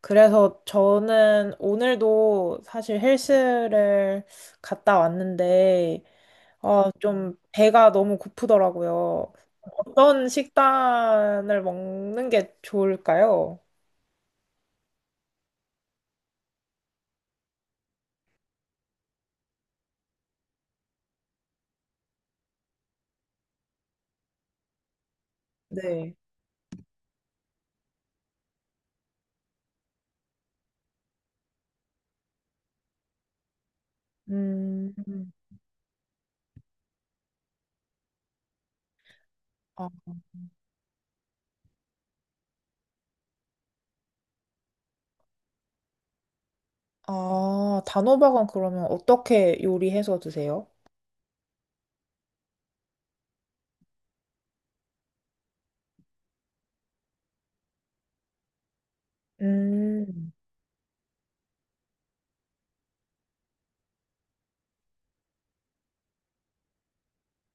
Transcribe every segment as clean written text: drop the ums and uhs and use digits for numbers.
그래서 저는 오늘도 사실 헬스를 갔다 왔는데, 아, 좀 배가 너무 고프더라고요. 어떤 식단을 먹는 게 좋을까요? 네. 음, 음. 아, 아, 단호박은 그러면 어떻게 요리해서 드세요? 음,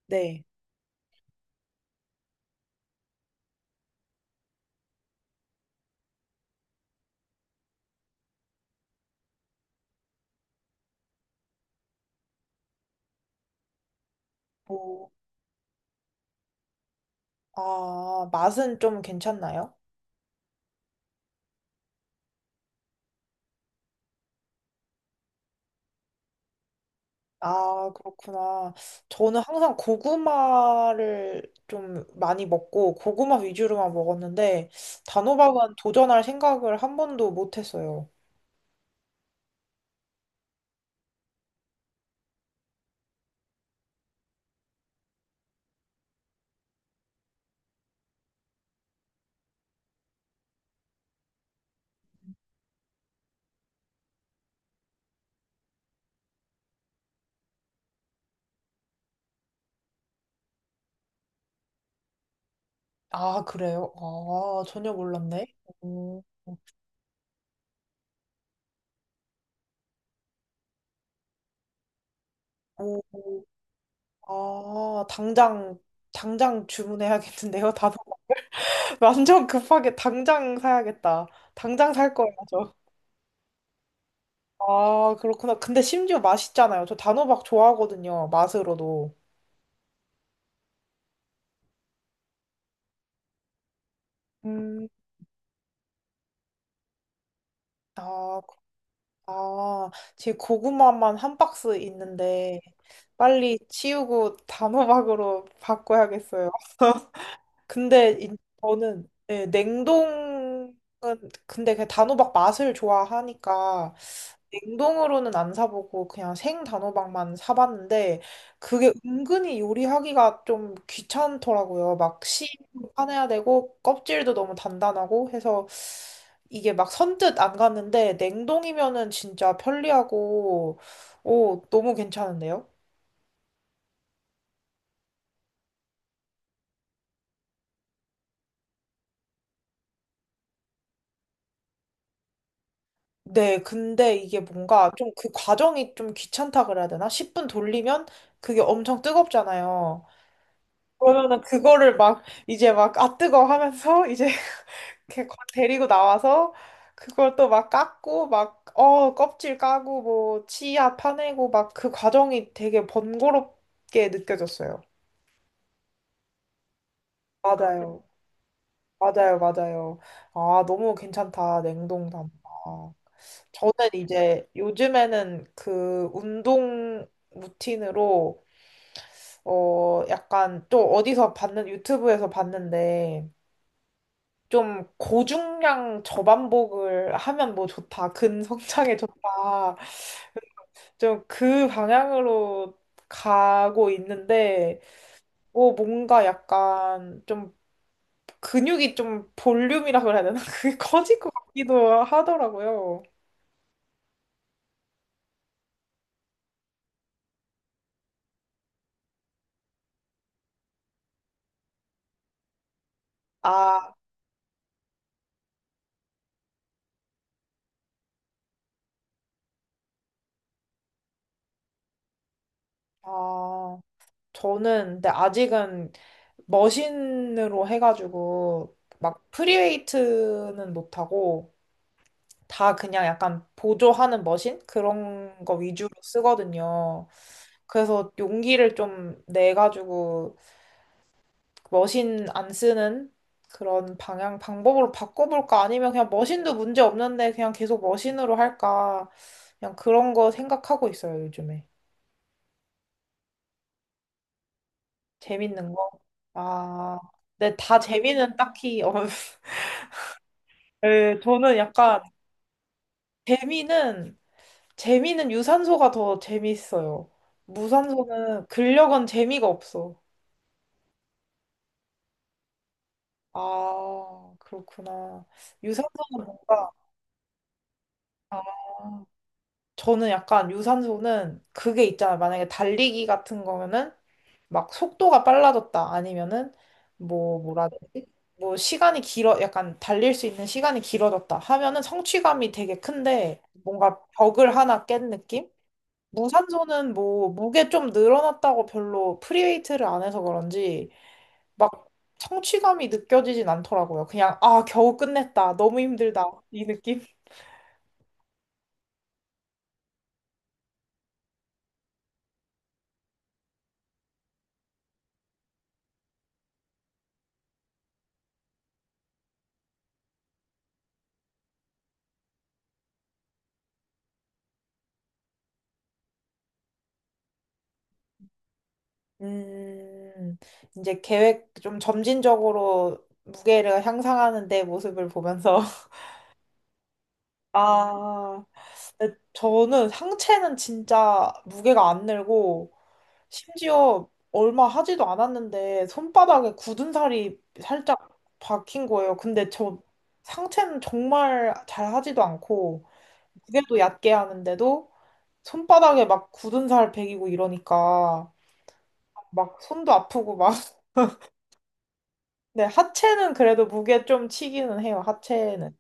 네. 뭐, 아, 맛은 좀 괜찮나요? 아, 그렇구나. 저는 항상 고구마를 좀 많이 먹고 고구마 위주로만 먹었는데 단호박은 도전할 생각을 한 번도 못 했어요. 아, 그래요? 아, 전혀 몰랐네. 오, 오, 아, 당장 주문해야겠는데요. 단호 완전 급하게 당장 사야겠다. 당장 살 거예요, 저. 아, 그렇구나. 근데 심지어 맛있잖아요. 저 단호박 좋아하거든요. 맛으로도. 음, 아, 아, 제 고구마만 한 박스 있는데 빨리 치우고 단호박으로 바꿔야겠어요. 근데 저는 네, 냉동은 근데 그 단호박 맛을 좋아하니까 냉동으로는 안 사보고 그냥 생 단호박만 사봤는데 그게 은근히 요리하기가 좀 귀찮더라고요. 막 씨도 파내야 되고 껍질도 너무 단단하고 해서 이게 막 선뜻 안 갔는데 냉동이면은 진짜 편리하고 오 너무 괜찮은데요? 네, 근데 이게 뭔가 좀 그 과정이 좀 귀찮다 그래야 되나? 10분 돌리면 그게 엄청 뜨겁잖아요. 그러면은 그거를 막 이제 막 아 뜨거 하면서 이제 이렇게 데리고 나와서 그걸 또 막 깎고 막 어 껍질 까고 뭐 치아 파내고 막 그 과정이 되게 번거롭게 느껴졌어요. 맞아요. 맞아요, 맞아요. 아, 너무 괜찮다, 냉동 단파 저는 이제 요즘에는 그 운동 루틴으로, 어, 약간 또 어디서 봤는, 유튜브에서 봤는데, 좀 고중량 저반복을 하면 뭐 좋다, 근성장에 좋다, 좀 그 방향으로 가고 있는데, 뭔가 약간 좀 근육이 좀 볼륨이라 그래야 되나? 그게 커질 것 같기도 하더라고요. 아, 아, 저는 근데 아직은 머신으로 해가지고 막 프리웨이트는 못하고 다 그냥 약간 보조하는 머신? 그런 거 위주로 쓰거든요. 그래서 용기를 좀 내가지고 머신 안 쓰는 그런 방향, 방법으로 바꿔볼까? 아니면 그냥 머신도 문제 없는데 그냥 계속 머신으로 할까? 그냥 그런 거 생각하고 있어요, 요즘에. 재밌는 거? 아, 근데 다 재미는 딱히, 어, 예, 저는 약간 재미는, 재미는 유산소가 더 재밌어요. 무산소는 근력은 재미가 없어. 아, 그렇구나. 유산소는 뭔가, 아, 저는 약간 유산소는 그게 있잖아요. 만약에 달리기 같은 거면은 막 속도가 빨라졌다. 아니면은 뭐 뭐라 해야 되지? 뭐 시간이 길어 약간 달릴 수 있는 시간이 길어졌다 하면은 성취감이 되게 큰데 뭔가 벽을 하나 깬 느낌? 무산소는 뭐 무게 좀 늘어났다고 별로 프리웨이트를 안 해서 그런지 막 성취감이 느껴지진 않더라고요. 그냥 아 겨우 끝냈다. 너무 힘들다. 이 느낌. 음, 이제 계획 좀 점진적으로 무게를 향상하는 내 모습을 보면서. 아, 근데 저는 상체는 진짜 무게가 안 늘고, 심지어 얼마 하지도 않았는데, 손바닥에 굳은 살이 살짝 박힌 거예요. 근데 저 상체는 정말 잘 하지도 않고, 무게도 얕게 하는데도, 손바닥에 막 굳은 살 베기고 이러니까, 막 손도 아프고 막, 네, 하체는 그래도 무게 좀 치기는 해요, 하체는.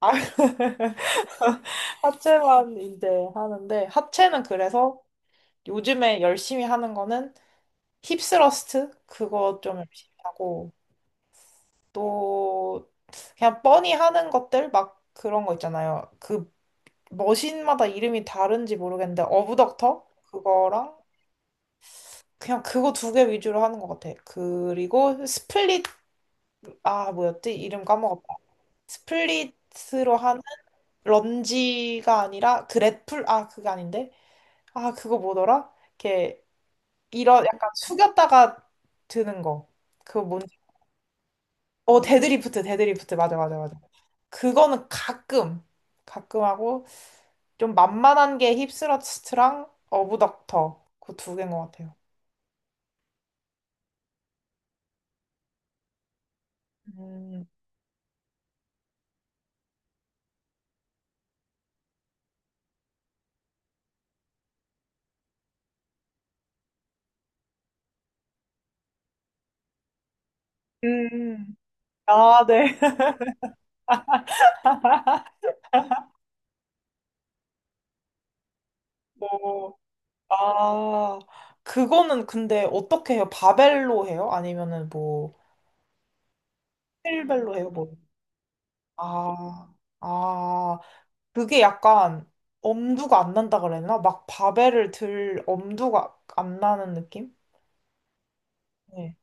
아, 하체만 이제 하는데, 하체는 그래서 요즘에 열심히 하는 거는 힙스러스트? 그거 좀 열심히 하고, 또, 그냥 뻔히 하는 것들? 막 그런 거 있잖아요. 그 머신마다 이름이 다른지 모르겠는데, 어부덕터? 그거랑, 그냥 그거 두 개 위주로 하는 것 같아. 그리고 스플릿, 아, 뭐였지? 이름 까먹었다. 스플릿으로 하는 런지가 아니라 그래플 아 그게 아닌데 아 그거 뭐더라? 이렇게 이런 약간 숙였다가 드는 거 그거 뭔지 어 데드리프트 데드리프트 맞아 맞아 맞아 그거는 가끔 하고 좀 만만한 게 힙스러스트랑 어부닥터 그 두 개인 것 같아요. 음, 음, 아, 네. 오, 아, 그거는 근데 어떻게 해요? 바벨로 해요? 아니면은 뭐, 힐벨로 해요? 뭐 아, 아, 그게 약간 엄두가 안 난다 그랬나? 막 바벨을 들 엄두가 안 나는 느낌? 네.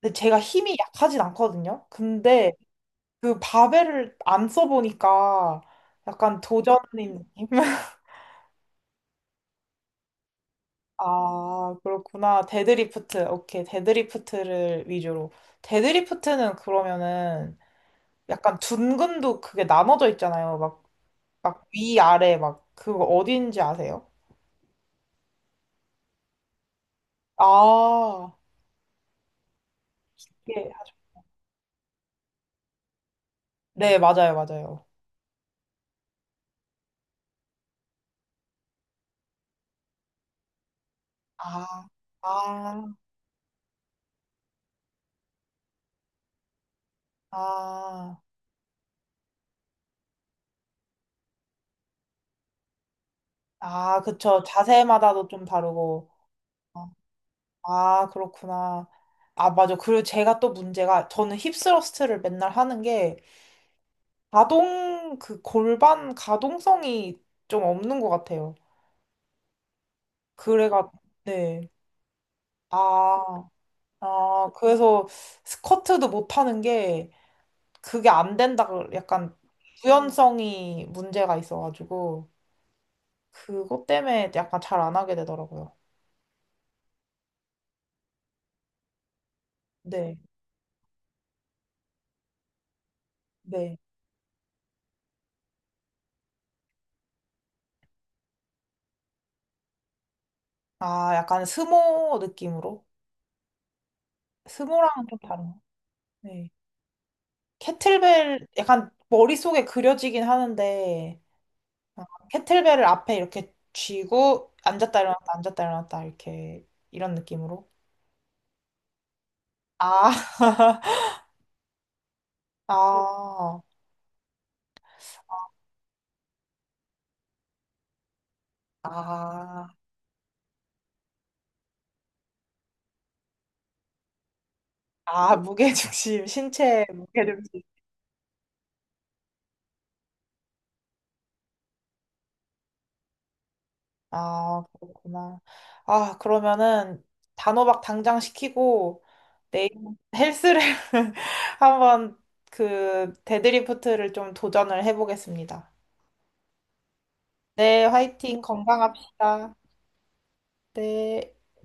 근데 제가 힘이 약하진 않거든요. 근데 그 바벨을 안 써보니까 약간 도전인 느낌? 아, 그렇구나. 데드리프트. 오케이. 데드리프트를 위주로. 데드리프트는 그러면은 약간 둔근도 그게 나눠져 있잖아요. 막, 막 위, 아래, 막 그거 어딘지 아세요? 아, 예. 네, 맞아요, 맞아요. 아, 아, 아, 아, 그쵸. 자세마다도 좀 다르고. 어, 아, 그렇구나. 아, 맞아. 그리고 제가 또 문제가, 저는 힙 스러스트를 맨날 하는 게, 가동, 그 골반 가동성이 좀 없는 것 같아요. 그래가, 네. 아, 아, 그래서 스쿼트도 못 하는 게, 그게 안 된다. 약간, 유연성이 문제가 있어가지고. 그것 때문에 약간 잘 안 하게 되더라고요. 네, 네. 아, 약간 스모 느낌으로? 스모랑은 좀 다른. 네. 캐틀벨, 약간 머릿속에 그려지긴 하는데, 아, 캐틀벨을 앞에 이렇게 쥐고, 앉았다 일어났다, 앉았다 일어났다, 이렇게, 이런 느낌으로. 아, 아, 아, 아, 무게중심, 신체 무게중심. 아, 그렇구나. 아, 그러면은 단호박 당장 시키고 내일 헬스를 한번 그 데드리프트를 좀 도전을 해보겠습니다. 네, 화이팅 건강합시다. 네.